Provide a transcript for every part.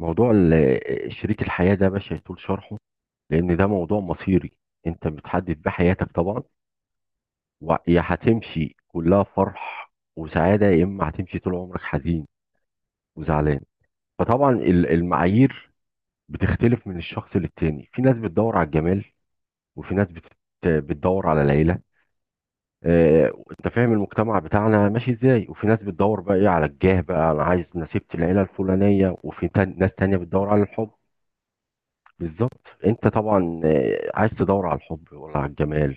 موضوع شريك الحياة ده مش هيطول شرحه، لأن ده موضوع مصيري. أنت بتحدد بيه حياتك طبعا، ويا هتمشي كلها فرح وسعادة يا إما هتمشي طول عمرك حزين وزعلان. فطبعا المعايير بتختلف من الشخص للتاني. في ناس بتدور على الجمال وفي ناس بتدور على العيلة. أنت فاهم المجتمع بتاعنا ماشي إزاي، وفي ناس بتدور بقى إيه على الجاه، بقى أنا عايز نسيبة العيلة الفلانية، وفي ناس تانية بتدور على الحب. بالظبط. انت طبعا عايز تدور على الحب ولا على الجمال؟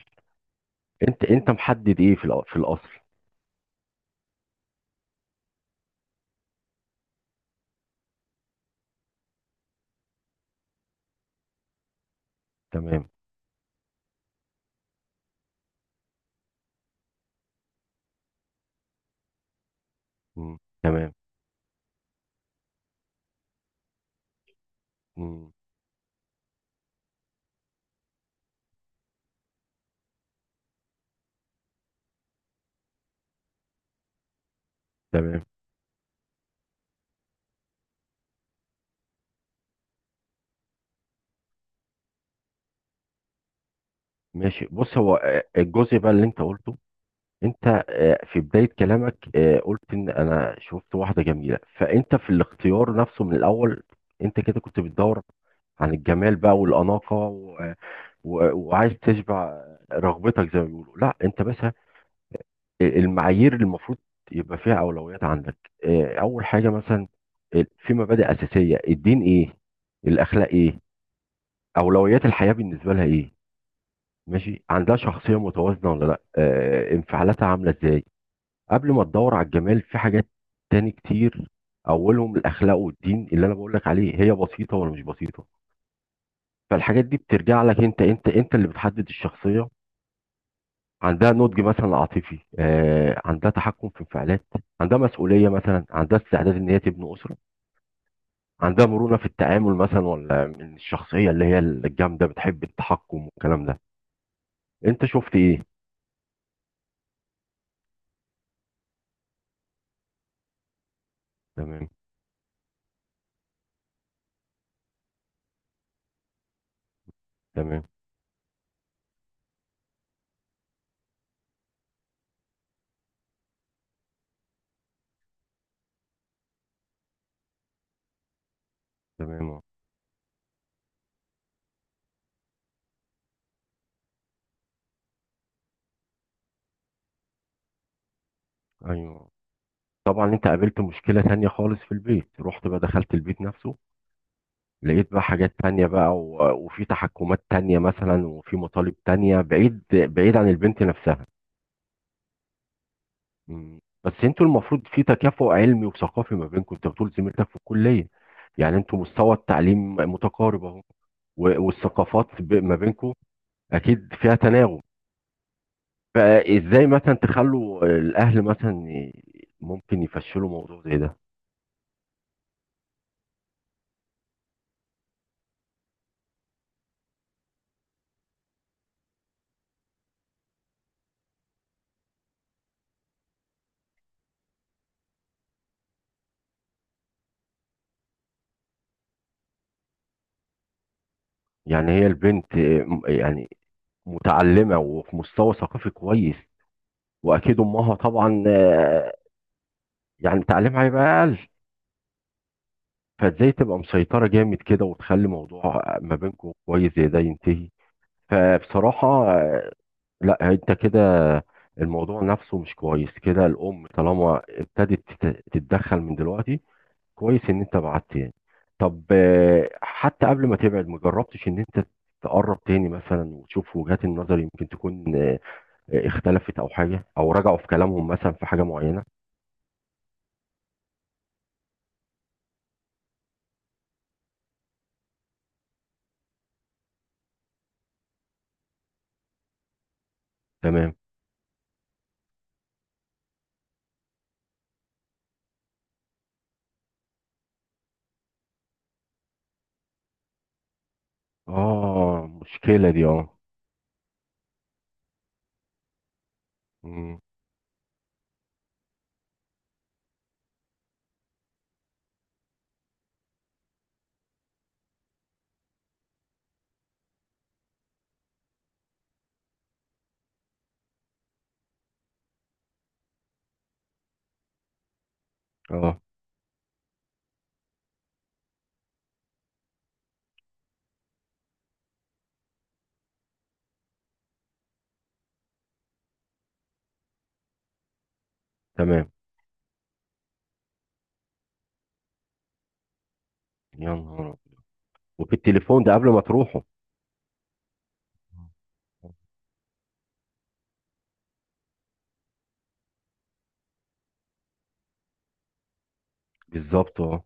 انت محدد ايه في الاصل؟ تمام. مم. تمام. مم. تمام. ماشي، بص هو الجزء بقى اللي انت قلته. انت في بداية كلامك قلت ان انا شفت واحدة جميلة، فانت في الاختيار نفسه من الاول. انت كده كنت بتدور عن الجمال بقى والأناقة وعايز تشبع رغبتك زي ما بيقولوا، لا انت بس المعايير اللي المفروض يبقى فيها اولويات عندك. اول حاجه مثلا في مبادئ اساسيه، الدين ايه، الاخلاق ايه، اولويات الحياه بالنسبه لها ايه، ماشي عندها شخصيه متوازنه ولا لا، انفعالاتها عامله ازاي. قبل ما تدور على الجمال في حاجات تاني كتير، اولهم الاخلاق والدين. اللي انا بقول لك عليه، هي بسيطه ولا مش بسيطه؟ فالحاجات دي بترجع لك انت، انت اللي بتحدد الشخصيه. عندها نضج مثلا عاطفي، عندها تحكم في انفعالات، عندها مسؤولية مثلا، عندها استعداد ان هي تبني أسرة، عندها مرونة في التعامل مثلا، ولا من الشخصية اللي هي الجامدة بتحب التحكم والكلام ده؟ انت شفت ايه؟ تمام. تمام. تمام. ايوه. طبعا انت قابلت مشكلة تانية خالص في البيت. رحت بقى دخلت البيت نفسه، لقيت بقى حاجات تانية بقى وفي تحكمات تانية مثلا، وفي مطالب تانية بعيد بعيد عن البنت نفسها. مم. بس انتوا المفروض في تكافؤ علمي وثقافي ما بينكم. انت بتقول زميلتك في الكليه، يعني انتوا مستوى التعليم متقارب اهو، والثقافات ما بينكم اكيد فيها تناغم. فازاي مثلا تخلوا الاهل مثلا ممكن يفشلوا موضوع زي ده؟ يعني هي البنت يعني متعلمه وفي مستوى ثقافي كويس، واكيد امها طبعا يعني تعليمها هيبقى اقل. فازاي تبقى مسيطره جامد كده وتخلي موضوع ما بينكم كويس زي ده ينتهي؟ فبصراحة لا انت كده الموضوع نفسه مش كويس كده. الام طالما ابتدت تتدخل من دلوقتي، كويس ان انت بعدت يعني. طب حتى قبل ما تبعد، ما جربتش ان انت تقرب تاني مثلا وتشوف وجهات النظر، يمكن تكون اختلفت او حاجة او رجعوا في كلامهم مثلا في حاجة معينة؟ تمام. اه، مشكلة دي اه. مم. اه. تمام. يا نهار أبيض. وفي التليفون ده قبل ما تروحوا؟ بالظبط اه.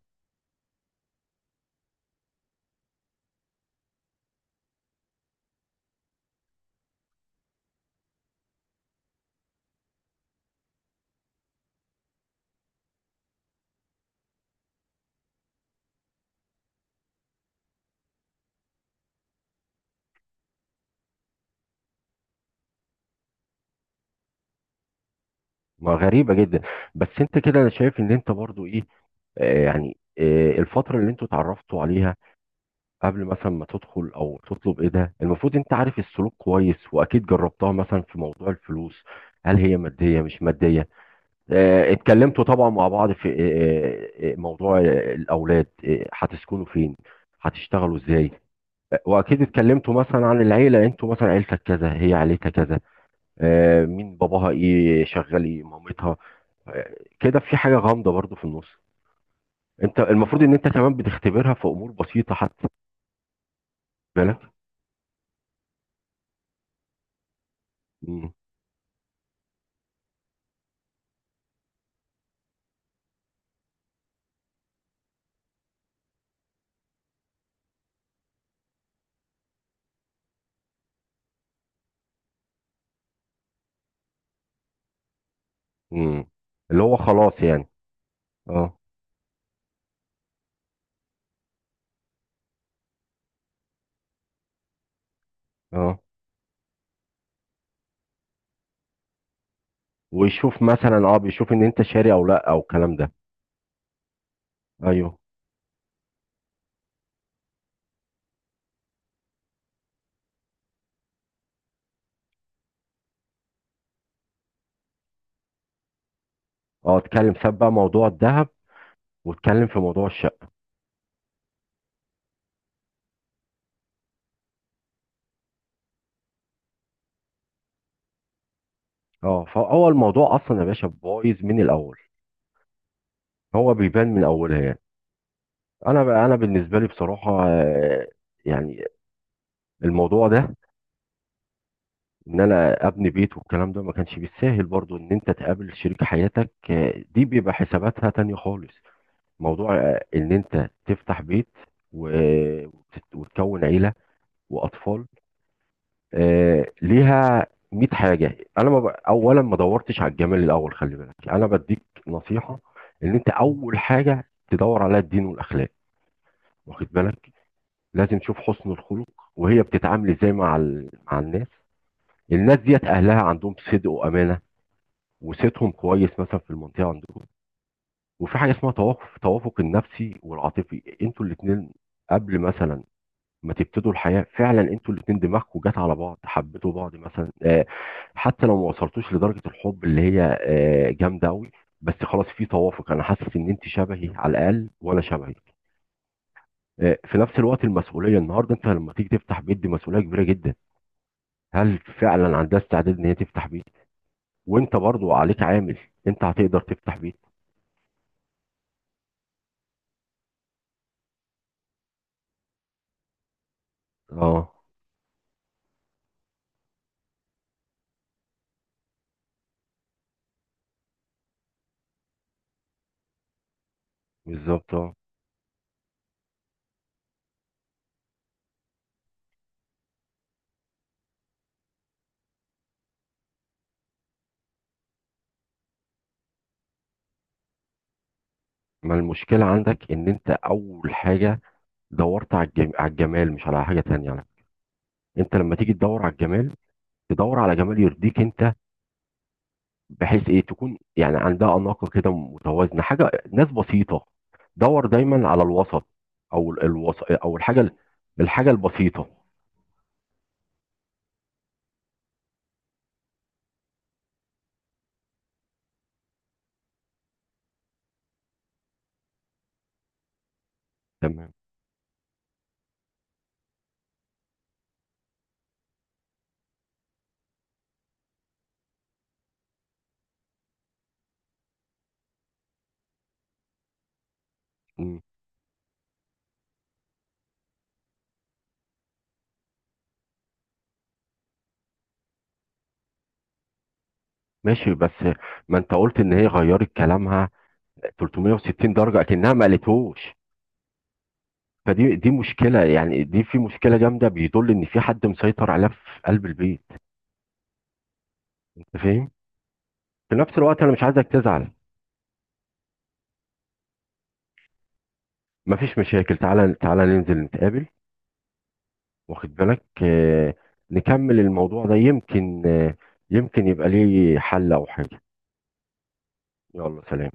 ما غريبة جدا. بس انت كده انا شايف ان انت برضو ايه، يعني الفترة اللي انتوا اتعرفتوا عليها قبل مثلا ما تدخل او تطلب ايه ده، المفروض انت عارف السلوك كويس، واكيد جربتها مثلا في موضوع الفلوس، هل هي مادية مش مادية. آه اتكلمتوا طبعا مع بعض في موضوع الاولاد، هتسكنوا فين، هتشتغلوا ازاي. واكيد اتكلمتوا مثلا عن العيلة، انتوا مثلا عيلتك كذا هي عيلتها كذا، مين باباها، ايه شغال، ايه مامتها. كده في حاجه غامضه برضو في النص. انت المفروض ان انت كمان بتختبرها في امور بسيطه حتى خد بالك. مم. مم. اللي هو خلاص يعني. اه. اه. ويشوف مثلا اه، بيشوف ان انت شاري او لا او الكلام ده. ايوه. اه، اتكلم ساب بقى موضوع الذهب واتكلم في موضوع الشقه. اه، فهو الموضوع اصلا يا باشا بايظ من الاول. هو بيبان من اولها يعني. انا بالنسبه لي بصراحه يعني الموضوع ده، ان انا ابني بيت والكلام ده ما كانش بالساهل برضو. ان انت تقابل شريك حياتك دي بيبقى حساباتها تانية خالص. موضوع ان انت تفتح بيت وتكون عيلة واطفال ليها 100 حاجة. انا ما ب... اولا ما دورتش على الجمال الاول. خلي بالك انا بديك نصيحة، ان انت اول حاجة تدور عليها الدين والاخلاق، واخد بالك، لازم تشوف حسن الخلق وهي بتتعامل ازاي مع الناس، الناس ديت اهلها عندهم صدق وامانة وصيتهم كويس مثلا في المنطقه عندكم. وفي حاجه اسمها توافق، التوافق النفسي والعاطفي انتوا الاثنين قبل مثلا ما تبتدوا الحياه. فعلا انتوا الاثنين دماغكم جت على بعض، حبيتوا بعض مثلا حتى لو ما وصلتوش لدرجه الحب اللي هي جامده قوي، بس خلاص في توافق، انا حاسس ان انت شبهي على الاقل وانا شبهك. في نفس الوقت المسؤوليه. النهارده انت لما تيجي تفتح بيت دي مسؤوليه كبيره جدا. هل فعلا عندها استعداد ان هي تفتح بيت؟ وانت برضو عليك عامل، انت هتقدر تفتح بيت؟ اه. بالظبط اه. ما المشكلة عندك ان انت اول حاجة دورت على الجمال مش على حاجة تانية على فكرة. انت لما تيجي تدور على الجمال، تدور على جمال يرضيك انت، بحيث ايه تكون يعني عندها اناقة كده متوازنة، حاجة ناس بسيطة. دور دايما على الوسط او الوسط او الحاجة البسيطة. تمام. مم. ماشي، بس ما انت قلت ان هي غيرت كلامها 360 درجة اكنها ما قالتهوش. فدي دي مشكلة يعني، دي في مشكلة جامدة، بيدل إن في حد مسيطر عليها في قلب البيت. أنت فاهم؟ في نفس الوقت أنا مش عايزك تزعل، مفيش مشاكل. تعالى تعالى ننزل نتقابل، واخد بالك نكمل الموضوع ده، يمكن يبقى ليه حل أو حاجة. يلا سلام.